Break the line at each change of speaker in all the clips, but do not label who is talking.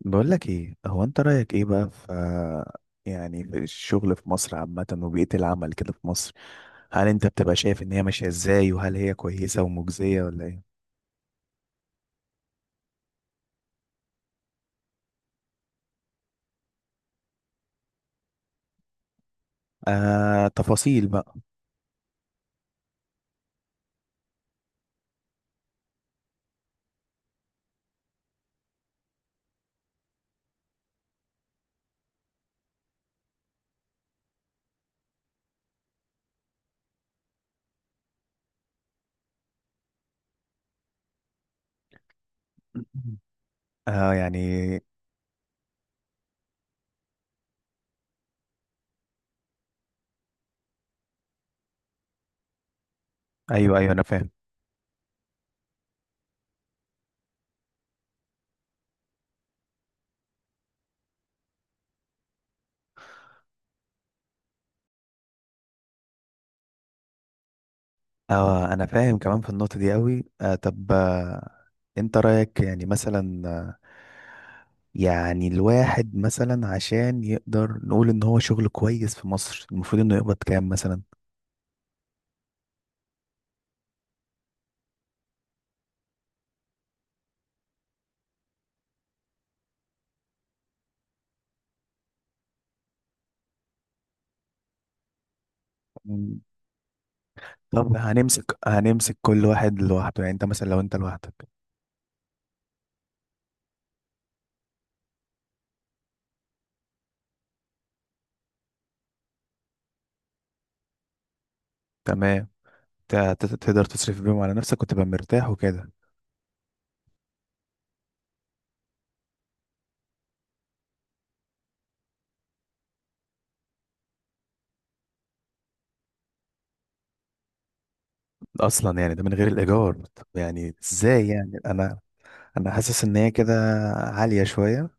بقول لك ايه؟ هو انت رأيك ايه بقى في في الشغل في مصر عامة، وبيئة العمل كده في مصر؟ هل انت بتبقى شايف ان هي ماشية ازاي؟ وهل هي كويسة ومجزية ولا ايه؟ آه، تفاصيل بقى. آه، يعني. ايوه، ايوه، انا فاهم. اه، انا فاهم كمان في النقطة دي قوي. آه، طب، انت رأيك يعني مثلا، يعني الواحد مثلا عشان يقدر نقول ان هو شغل كويس في مصر، المفروض انه يقبض كام مثلا؟ طب، هنمسك كل واحد لوحده، يعني انت مثلا لو انت لوحدك. تمام. تقدر تصرف بيهم على نفسك وتبقى مرتاح وكده. اصلا يعني ده من غير الايجار؟ طب يعني ازاي؟ يعني انا، انا حاسس ان هي كده عالية شوية.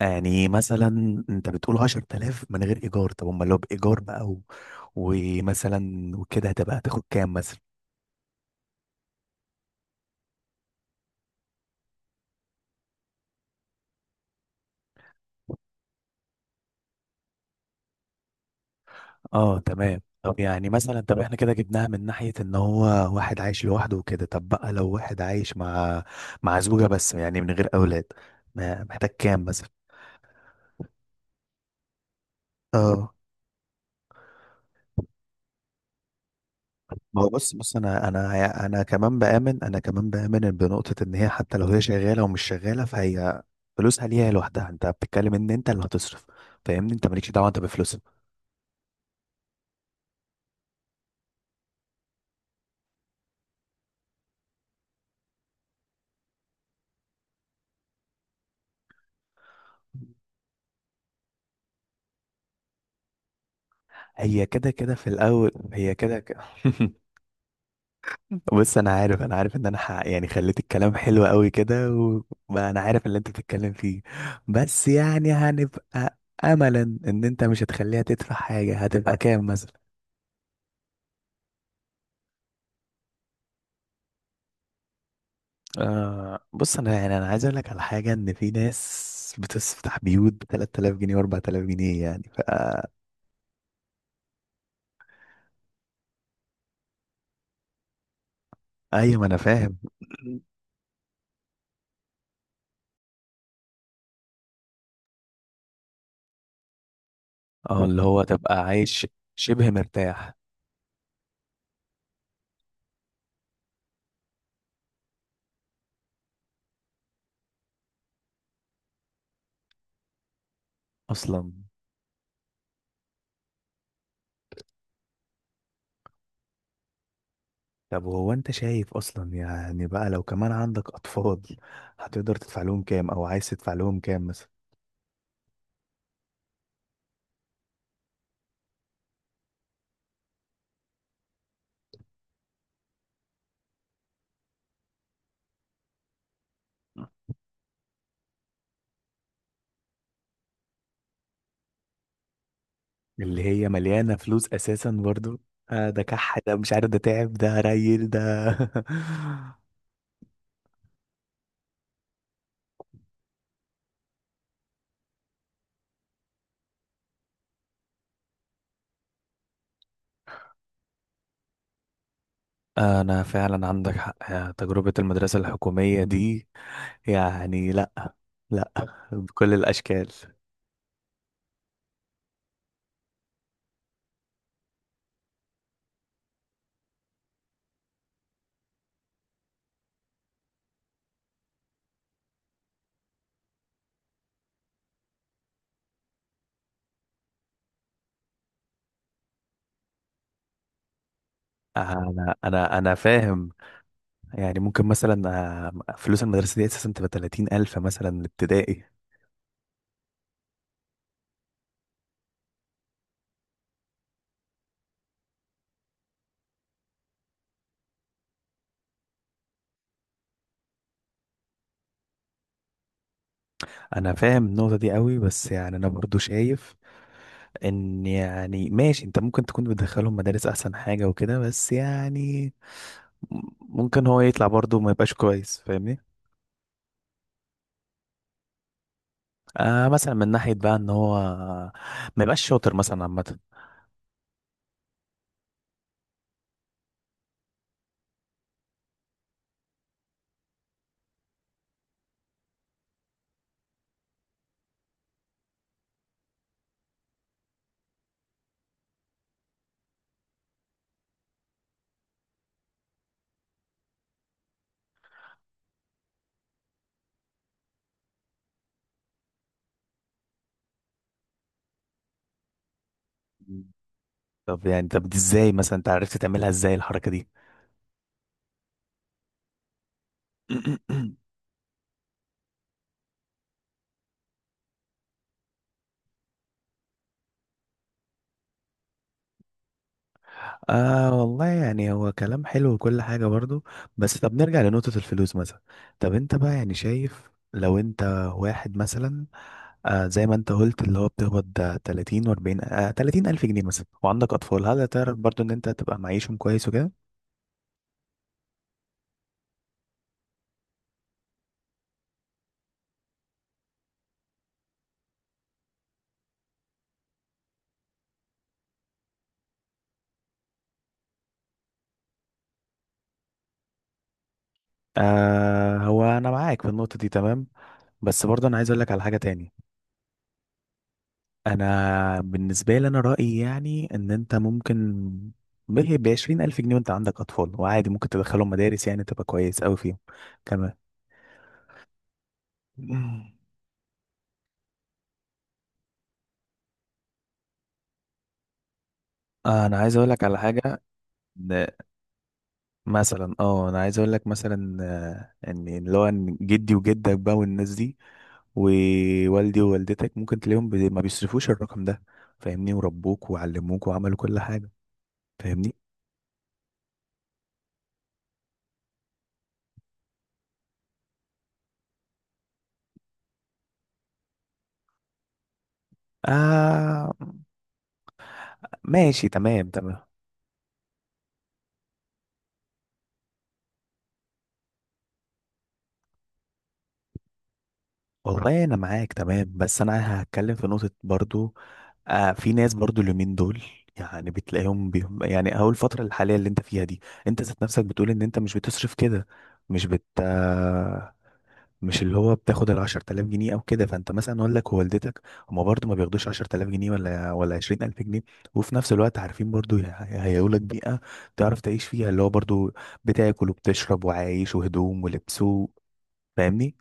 يعني مثلا انت بتقول 10000 من غير ايجار؟ طب امال لو بايجار بقى، و... ومثلا وكده هتبقى هتاخد كام؟ اه، تمام. طب يعني مثلا، طب احنا كده جبناها من ناحية ان هو واحد عايش لوحده وكده، طب بقى لو واحد عايش مع زوجة بس، يعني من غير اولاد، محتاج كام مثلا؟ اه، ما هو بص بص، انا كمان بآمن، بنقطة ان هي حتى لو هي شغالة ومش شغالة، فهي فلوسها ليها لوحدها. انت بتتكلم ان انت اللي هتصرف، فاهمني؟ انت مالكش دعوة انت بفلوسها. هي كده كده في الاول، هي كده كده. بص، انا عارف ان انا، يعني خليت الكلام حلو قوي كده، وبقى انا عارف اللي انت بتتكلم فيه. بس يعني هنبقى، املا ان انت مش هتخليها تدفع حاجه، هتبقى كام مثلا؟ آه، بص، انا يعني انا عايز اقول لك على حاجه، ان في ناس بتفتح بيوت ب 3000 جنيه و4000 جنيه، يعني ف... ايوه، ما انا فاهم. اه، اللي هو تبقى عايش شبه مرتاح اصلا. طب وهو انت شايف اصلا يعني بقى، لو كمان عندك اطفال، هتقدر تدفع لهم كام، او عايز تدفع لهم كام مثلا؟ اللي هي مليانة فلوس اساسا برضو. آه، ده كح، ده مش عارف، ده تعب، ده ريل، ده. انا فعلا عندك حق. آه، تجربة المدرسة الحكومية دي، يعني لا، لا، بكل الاشكال. انا فاهم. يعني ممكن مثلا، فلوس المدرسة دي اساسا تبقى 30 الف مثلا الابتدائي. انا فاهم النقطه دي قوي، بس يعني انا برضو شايف ان يعني ماشي، انت ممكن تكون بتدخلهم مدارس احسن حاجه وكده، بس يعني ممكن هو يطلع برضو ما يبقاش كويس، فاهمني؟ آه، مثلا من ناحيه بقى، ان هو ما يبقاش شاطر مثلا عامه. طب يعني، طب دي ازاي؟ مثلا انت عرفت تعملها ازاي الحركه دي؟ آه، والله يعني هو كلام حلو وكل حاجة برضو، بس طب نرجع لنقطة الفلوس مثلا. طب انت بقى يعني شايف، لو انت واحد مثلا، آه زي ما انت قلت اللي هو بتقبض، آه، 30 و40، آه 30 الف جنيه مثلا، وعندك اطفال، هل تعرف برضو ان انت تبقى معيشهم كويس وكده؟ آه، هو انا معاك في النقطة دي تمام، بس برضو انا عايز اقول لك على حاجة تاني. انا بالنسبة لي انا رأيي يعني ان انت ممكن ب 20 الف جنيه، وانت عندك اطفال وعادي، ممكن تدخلهم مدارس، يعني تبقى كويس قوي فيهم كمان. آه، انا عايز اقول لك على حاجه، إن، مثلا، اه انا عايز اقول لك مثلا، ان اللي هو إن جدي وجدك بقى، والناس دي، ووالدي ووالدتك، ممكن تلاقيهم ما بيصرفوش الرقم ده، فاهمني؟ وربوك وعلموك وعملوا كل حاجة، فاهمني؟ آه، ماشي، تمام تمام. والله انا معاك تمام، بس انا هتكلم في نقطة برضو. آه، في ناس برضو اليومين دول، يعني بتلاقيهم بيهم، يعني اهو الفترة الحالية اللي انت فيها دي، انت ذات نفسك بتقول ان انت مش بتصرف كده، مش بت مش اللي هو بتاخد ال 10000 جنيه او كده. فانت مثلا والدك ووالدتك هما برضو ما بياخدوش 10000 جنيه، ولا 20000 جنيه، وفي نفس الوقت عارفين برضو، هيهيئوا لك بيئة تعرف تعيش فيها، اللي هو برضو بتاكل وبتشرب وعايش، وهدوم ولبس فاهمني؟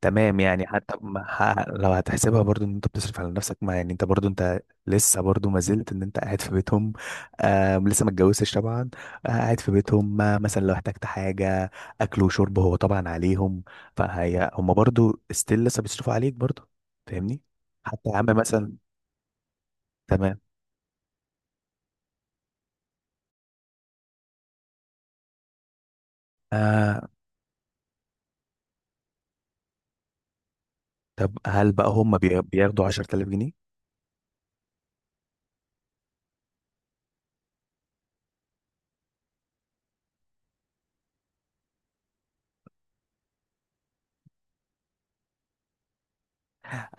تمام يعني، حتى ما ح- لو هتحسبها برضو ان انت بتصرف على نفسك، ما يعني انت برضو انت لسه برضو ما زلت ان انت قاعد في بيتهم. آه، لسه ما اتجوزتش طبعا، آه قاعد في بيتهم، ما مثلا لو احتجت حاجة اكل وشرب هو طبعا عليهم. فهي هم برضو ستيل لسه بيصرفوا عليك برضو، فاهمني؟ حتى يا عم مثلا. تمام. آه، طب هل بقى هم بياخدوا 10000 جنيه؟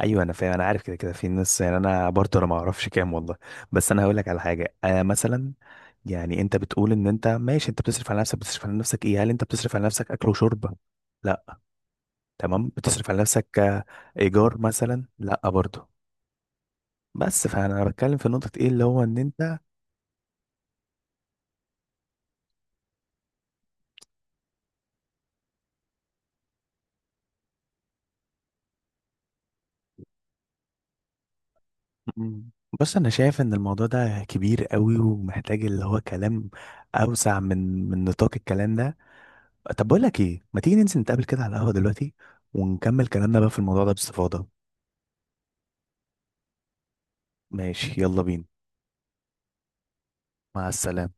ايوه، انا فاهم، انا عارف، كده كده في ناس، يعني انا برضه، ما اعرفش كام والله، بس انا هقول لك على حاجه. آه، مثلا يعني انت بتقول ان انت ماشي انت بتصرف على نفسك، بتصرف على نفسك ايه؟ هل انت بتصرف على نفسك اكل وشرب؟ لا. تمام، بتصرف على نفسك، آه، ايجار مثلا؟ لا برضه. بس فانا بتكلم في نقطه، ايه اللي هو ان انت... مم. بص، انا شايف ان الموضوع ده كبير قوي، ومحتاج اللي هو كلام اوسع من نطاق الكلام ده. طب بقول لك ايه، ما تيجي ننزل نتقابل كده على القهوه دلوقتي، ونكمل كلامنا بقى في الموضوع ده باستفاضه. ماشي، يلا بينا. مع السلامة.